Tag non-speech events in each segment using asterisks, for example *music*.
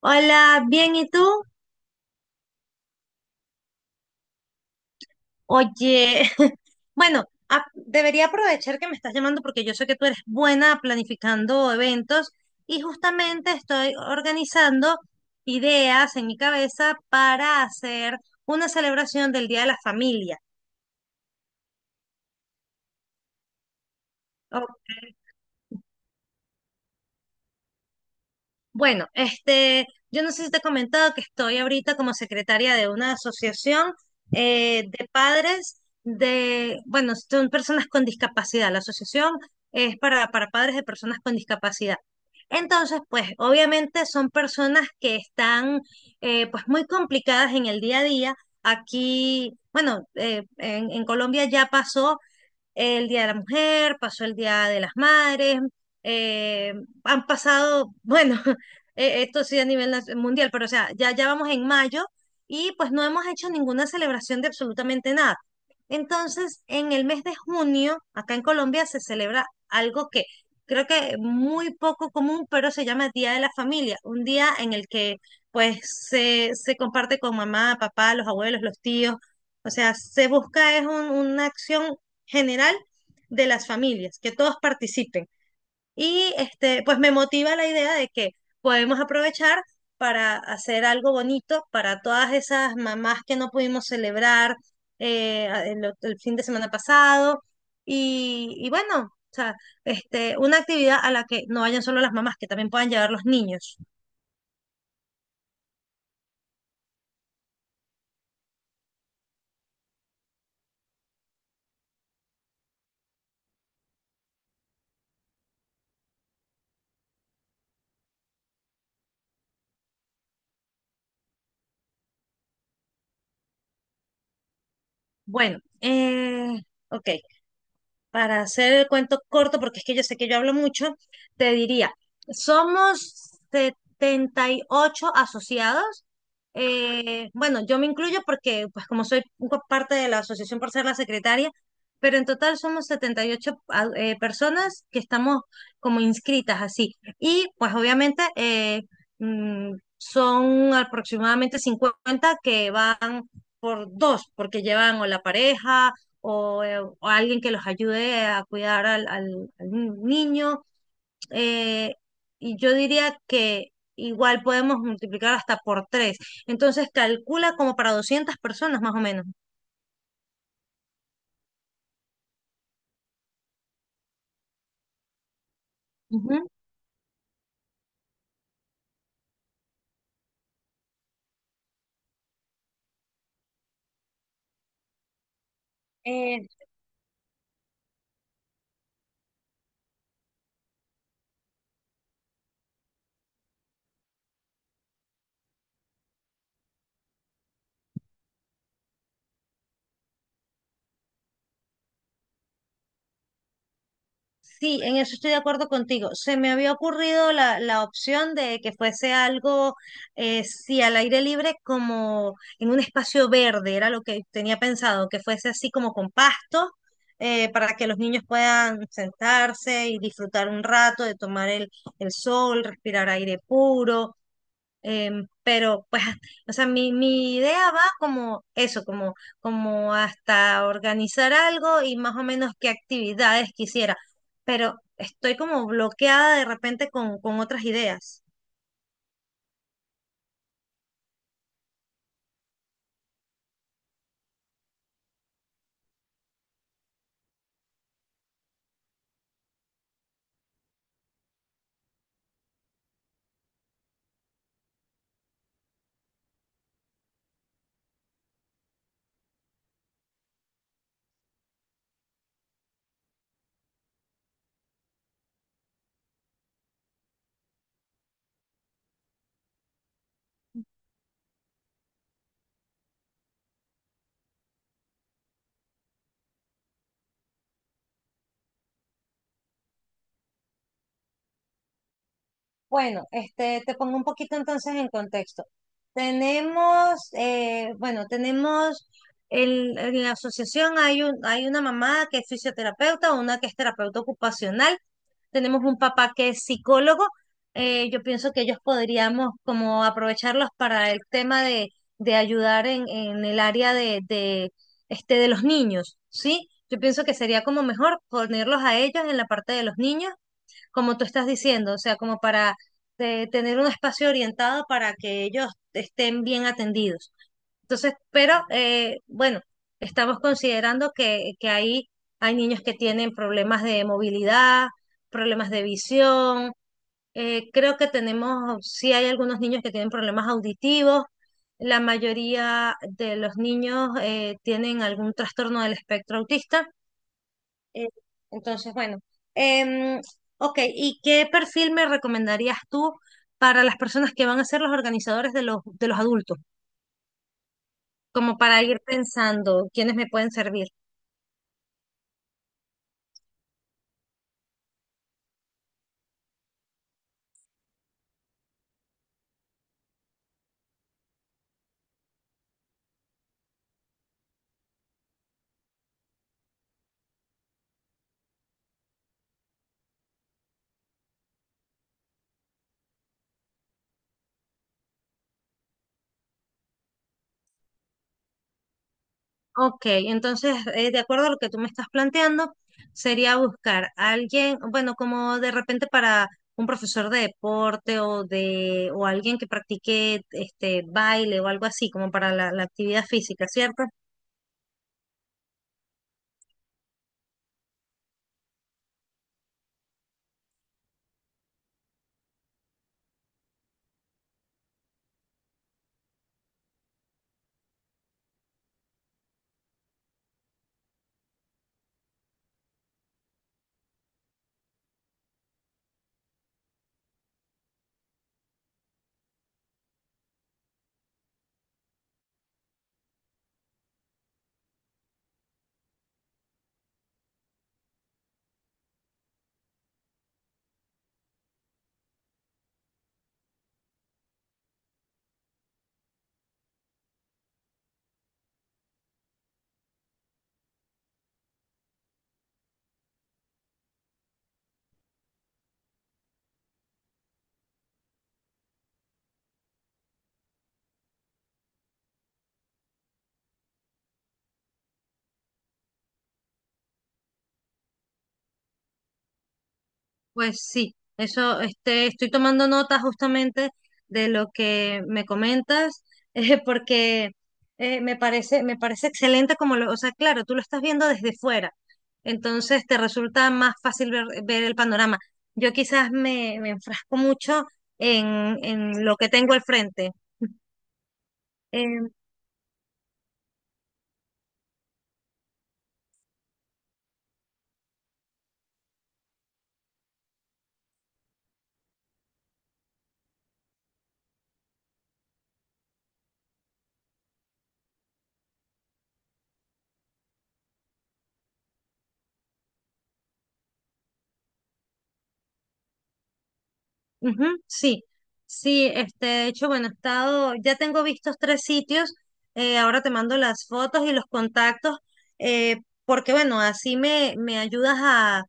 Hola, bien, ¿y tú? Oye, *laughs* bueno, debería aprovechar que me estás llamando porque yo sé que tú eres buena planificando eventos y justamente estoy organizando ideas en mi cabeza para hacer una celebración del Día de la Familia. Bueno, yo no sé si te he comentado que estoy ahorita como secretaria de una asociación de padres de, bueno, son personas con discapacidad. La asociación es para padres de personas con discapacidad. Entonces, pues, obviamente son personas que están, pues, muy complicadas en el día a día. Aquí, bueno, en Colombia ya pasó el Día de la Mujer, pasó el Día de las Madres, eh, han pasado, bueno, *laughs* esto sí a nivel mundial, pero o sea, ya vamos en mayo y pues no hemos hecho ninguna celebración de absolutamente nada. Entonces, en el mes de junio, acá en Colombia se celebra algo que creo que muy poco común, pero se llama Día de la Familia, un día en el que pues se comparte con mamá, papá, los abuelos, los tíos. O sea, se busca es una acción general de las familias, que todos participen. Y este, pues me motiva la idea de que podemos aprovechar para hacer algo bonito para todas esas mamás que no pudimos celebrar fin de semana pasado. Y bueno, o sea, este, una actividad a la que no vayan solo las mamás, que también puedan llevar los niños. Bueno, ok, para hacer el cuento corto, porque es que yo sé que yo hablo mucho, te diría, somos 78 asociados. Bueno, yo me incluyo porque, pues como soy un parte de la asociación por ser la secretaria, pero en total somos 78 personas que estamos como inscritas así. Y pues obviamente son aproximadamente 50 que van por dos, porque llevan o la pareja o alguien que los ayude a cuidar al niño. eh, y yo diría que igual podemos multiplicar hasta por tres. Entonces calcula como para 200 personas más o menos. Ujú. Sí, en eso estoy de acuerdo contigo. Se me había ocurrido la opción de que fuese algo, sí, al aire libre, como en un espacio verde, era lo que tenía pensado, que fuese así como con pasto, para que los niños puedan sentarse y disfrutar un rato de tomar el sol, respirar aire puro. Em, pero pues, o sea, mi idea va como eso, como, como hasta organizar algo y más o menos qué actividades quisiera, pero estoy como bloqueada de repente con otras ideas. Bueno, este, te pongo un poquito entonces en contexto. Tenemos, bueno, tenemos en la asociación hay un, hay una mamá que es fisioterapeuta, una que es terapeuta ocupacional, tenemos un papá que es psicólogo. Yo pienso que ellos podríamos como aprovecharlos para el tema de ayudar en el área de, este, de los niños, ¿sí? Yo pienso que sería como mejor ponerlos a ellos en la parte de los niños como tú estás diciendo, o sea, como para tener un espacio orientado para que ellos estén bien atendidos. Entonces, pero bueno, estamos considerando que hay niños que tienen problemas de movilidad, problemas de visión, creo que tenemos, sí hay algunos niños que tienen problemas auditivos, la mayoría de los niños tienen algún trastorno del espectro autista. Eh, entonces, bueno. Em, ok, ¿y qué perfil me recomendarías tú para las personas que van a ser los organizadores de los adultos? Como para ir pensando quiénes me pueden servir. Ok, entonces, de acuerdo a lo que tú me estás planteando, sería buscar a alguien, bueno, como de repente para un profesor de deporte o de, o alguien que practique este baile o algo así, como para la actividad física, ¿cierto? Pues sí, eso este, estoy tomando nota justamente de lo que me comentas, *laughs* porque me parece excelente como lo, o sea, claro, tú lo estás viendo desde fuera, entonces te resulta más fácil ver, ver el panorama. Yo quizás me, me enfrasco mucho en lo que tengo al frente. em, Ujú, sí, este, de hecho, bueno, he estado, ya tengo vistos tres sitios, ahora te mando las fotos y los contactos, eh, porque bueno, así me, me ayudas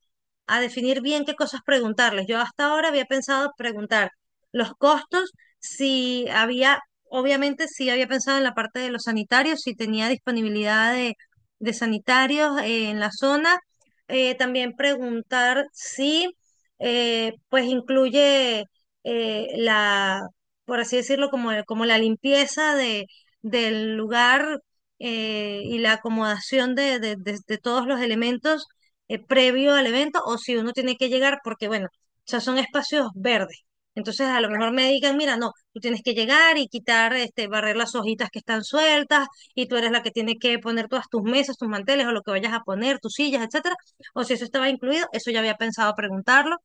a definir bien qué cosas preguntarles. Yo hasta ahora había pensado preguntar los costos, si había, obviamente sí había pensado en la parte de los sanitarios, si tenía disponibilidad de sanitarios, en la zona. También preguntar si, pues incluye la, por así decirlo, como, como la limpieza de, del lugar y la acomodación de todos los elementos previo al evento, o si uno tiene que llegar, porque bueno, o sea, son espacios verdes. Entonces, a lo mejor me digan, mira, no, tú tienes que llegar y quitar, este, barrer las hojitas que están sueltas, y tú eres la que tiene que poner todas tus mesas, tus manteles, o lo que vayas a poner, tus sillas, etcétera. O si eso estaba incluido, eso ya había pensado preguntarlo.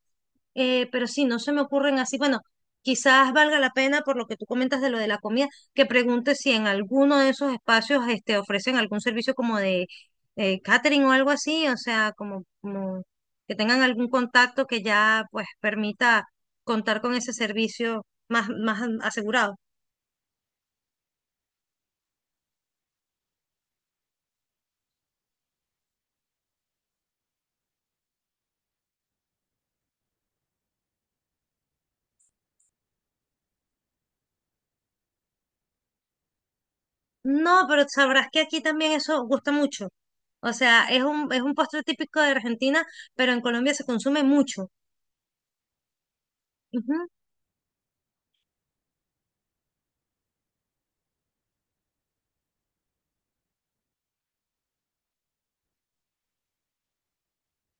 Pero sí, no se me ocurren así. Bueno, quizás valga la pena, por lo que tú comentas de lo de la comida, que pregunte si en alguno de esos espacios este, ofrecen algún servicio como de catering o algo así, o sea, como, como que tengan algún contacto que ya pues permita contar con ese servicio más, más asegurado. No, pero sabrás que aquí también eso gusta mucho. O sea, es un postre típico de Argentina, pero en Colombia se consume mucho. Ujú.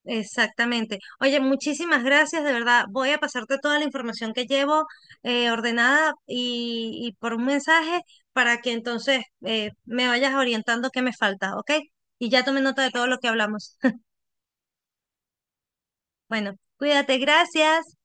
Exactamente. Oye, muchísimas gracias, de verdad. Voy a pasarte toda la información que llevo ordenada y por un mensaje para que entonces me vayas orientando qué me falta, ¿ok? Y ya tomé nota de todo lo que hablamos. *laughs* Bueno, cuídate, gracias.